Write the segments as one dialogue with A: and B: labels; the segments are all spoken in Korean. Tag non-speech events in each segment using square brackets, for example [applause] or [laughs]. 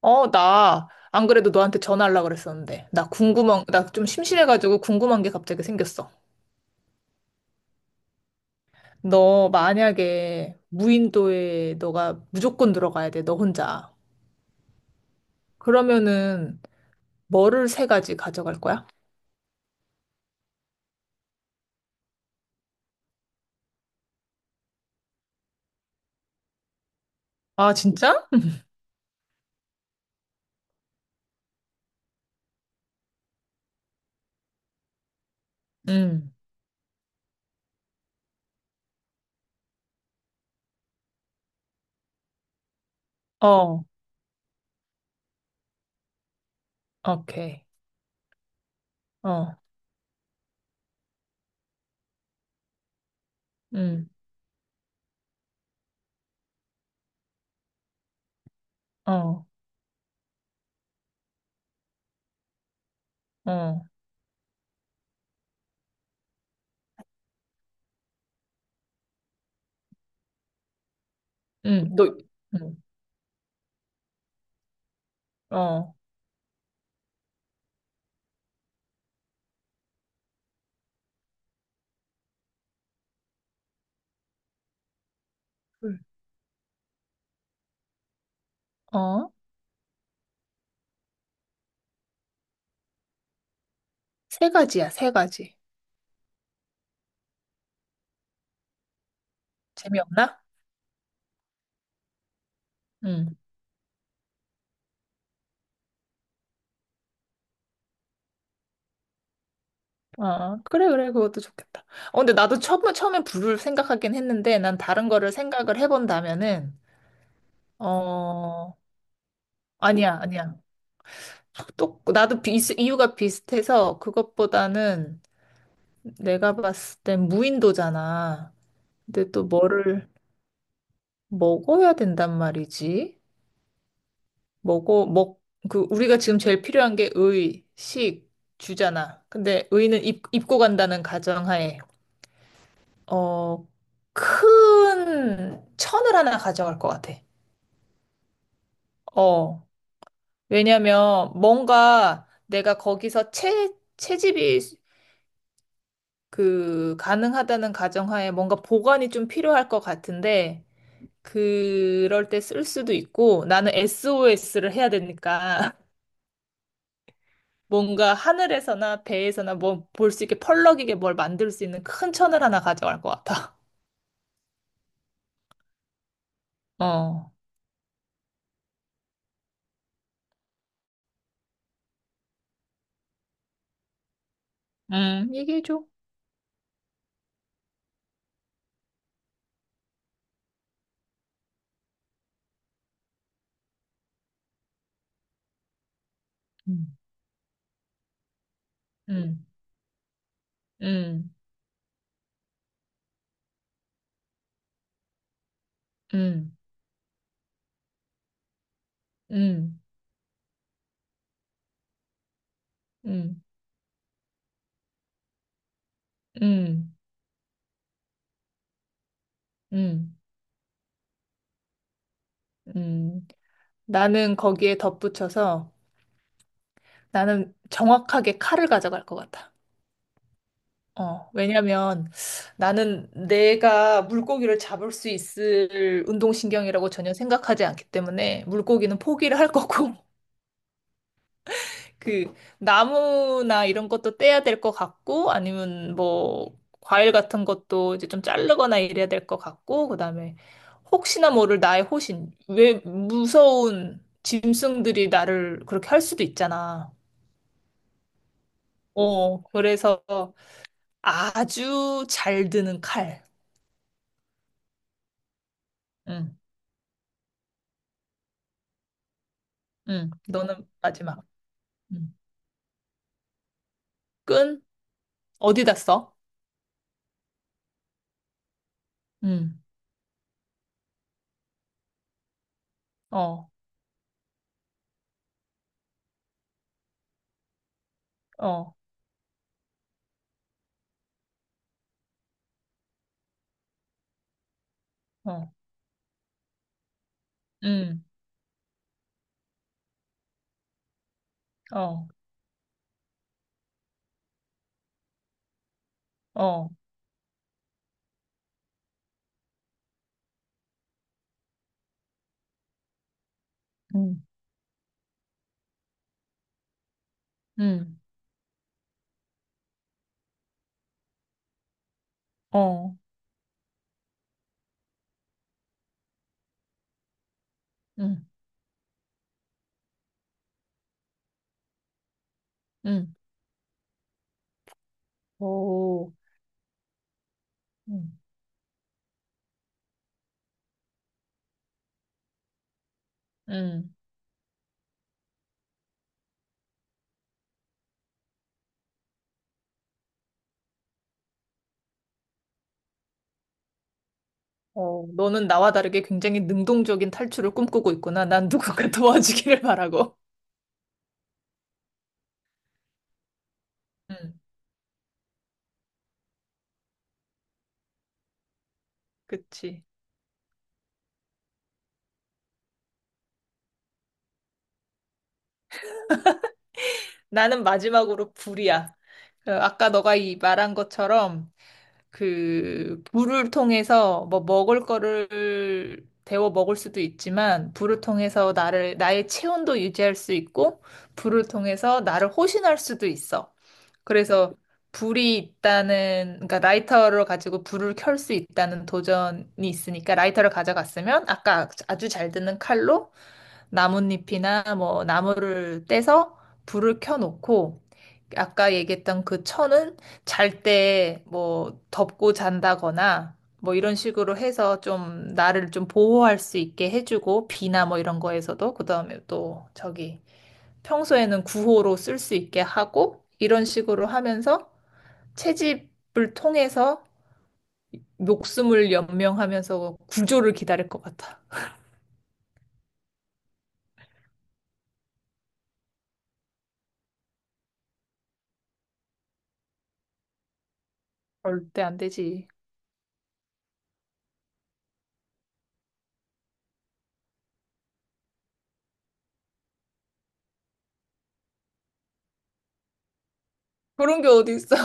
A: 어, 나, 안 그래도 너한테 전화하려고 그랬었는데. 나 좀 심심해가지고 궁금한 게 갑자기 생겼어. 너 만약에 무인도에 너가 무조건 들어가야 돼, 너 혼자. 그러면은 뭐를 세 가지 가져갈 거야? 아, 진짜? 응. 어, 오케이. 어, 응, 어, 어, 응, 너, 응, 어, 어, 세 가지야, 세 가지. 재미없나? 응. 아, 그래, 그래, 그것도 좋겠다. 어, 근데 나도 처음에 불을 생각하긴 했는데, 난 다른 거를 생각을 해본다면은, 어, 아니야, 아니야. 또, 나도 비, 이유가 비슷해서, 그것보다는 내가 봤을 땐 무인도잖아. 근데 또 뭐를 먹어야 된단 말이지? 먹어, 먹, 그, 우리가 지금 제일 필요한 게 의, 식, 주잖아. 근데 의는 입고 간다는 가정하에. 어, 큰 천을 하나 가져갈 것 같아. 어. 왜냐면 뭔가 내가 거기서 채집이 그 가능하다는 가정하에 뭔가 보관이 좀 필요할 것 같은데 그럴 때 쓸 수도 있고 나는 SOS를 해야 되니까 [laughs] 뭔가 하늘에서나 배에서나 뭐 볼 수 있게 펄럭이게 뭘 만들 수 있는 큰 천을 하나 가져갈 것 같아. [laughs] 어. 얘기해줘. 음, 음, 음, 음, 음. 음. 음, 음, 음. 나는 거기에 덧붙여서 나는 정확하게 칼을 가져갈 것 같아. 어, 왜냐면 나는 내가 물고기를 잡을 수 있을 운동신경이라고 전혀 생각하지 않기 때문에 물고기는 포기를 할 거고 그 나무나 이런 것도 떼야 될 것 같고 아니면 뭐 과일 같은 것도 이제 좀 자르거나 이래야 될 것 같고 그다음에 혹시나 모를 나의 호신 왜 무서운 짐승들이 나를 그렇게 할 수도 있잖아. 어 그래서 아주 잘 드는 칼. 응, 응. 너는 마지막. 응. 끈 어디다 써? 응. 어, 어, 어. 응. 어, 어. 응. 응. 어. 응. 응, 오, 음. 응. 어, 너는 나와 다르게 굉장히 능동적인 탈출을 꿈꾸고 있구나. 난 누군가 [laughs] 도와주기를 바라고. 응. 그치. 나는 마지막으로 불이야. 그 아까 너가 이 말한 것처럼 그 불을 통해서 뭐 먹을 거를 데워 먹을 수도 있지만 불을 통해서 나를 나의 체온도 유지할 수 있고 불을 통해서 나를 호신할 수도 있어. 그래서 불이 있다는 그러니까 라이터를 가지고 불을 켤 수 있다는 도전이 있으니까 라이터를 가져갔으면 아까 아주 잘 드는 칼로 나뭇잎이나 뭐 나무를 떼서 불을 켜놓고 아까 얘기했던 그 천은 잘 때 뭐 덮고 잔다거나 뭐 이런 식으로 해서 좀 나를 좀 보호할 수 있게 해주고 비나 뭐 이런 거에서도 그다음에 또 저기 평소에는 구호로 쓸 수 있게 하고 이런 식으로 하면서 채집을 통해서 목숨을 연명하면서 구조를 기다릴 것 같아. 절대 안 되지. 그런 게 어디 있어?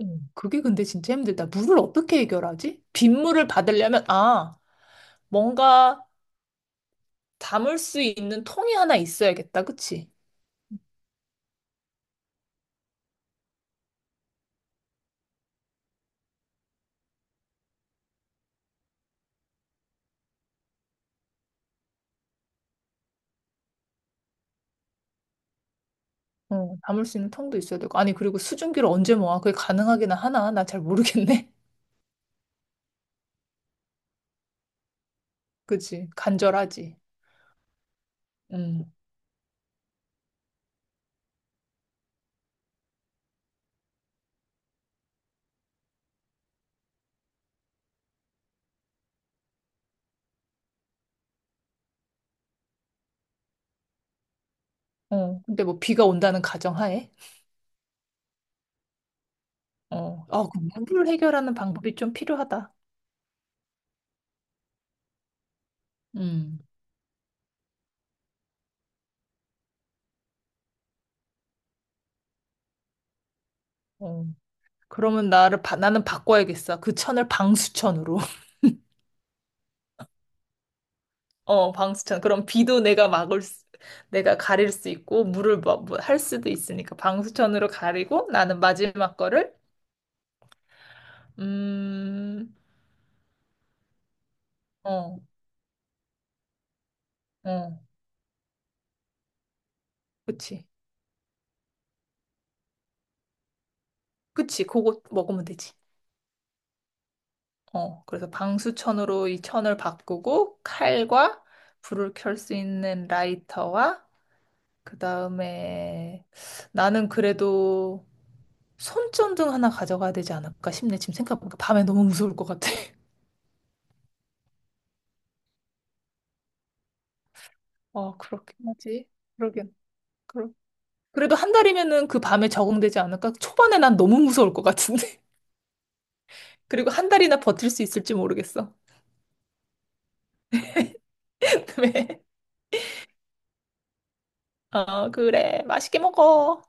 A: 어, 그게 근데 진짜 힘들다. 물을 어떻게 해결하지? 빗물을 받으려면, 아, 뭔가 담을 수 있는 통이 하나 있어야겠다. 그치? 어, 담을 수 있는 통도 있어야 되고. 아니, 그리고 수증기를 언제 모아? 그게 가능하긴 하나? 나 잘 모르겠네. [laughs] 그치? 간절하지. 음. 어, 근데 뭐 비가 온다는 가정하에. 어, 어, 그 물을 해결하는 방법이 좀 필요하다. 음. 어. 그러면 나는 바꿔야겠어. 그 천을 방수천으로. 어, 방수천. 그럼 비도 내가 내가 가릴 수 있고, 물을 뭐, 뭐 할 수도 있으니까, 방수천으로 가리고, 나는 마지막 거를, 음, 어, 어, 그치. 그치. 그거 먹으면 되지. 어, 그래서 방수천으로 이 천을 바꾸고, 칼과 불을 켤 수 있는 라이터와, 그 다음에, 나는 그래도 손전등 하나 가져가야 되지 않을까 싶네. 지금 생각해보니까 밤에 너무 무서울 것 같아. [laughs] 어, 그렇긴 하지. 그러긴. 그래도 한 달이면은 그 밤에 적응되지 않을까? 초반에 난 너무 무서울 것 같은데. [laughs] 그리고 한 달이나 버틸 수 있을지 모르겠어. [laughs] 왜? 어, 그래. 맛있게 먹어.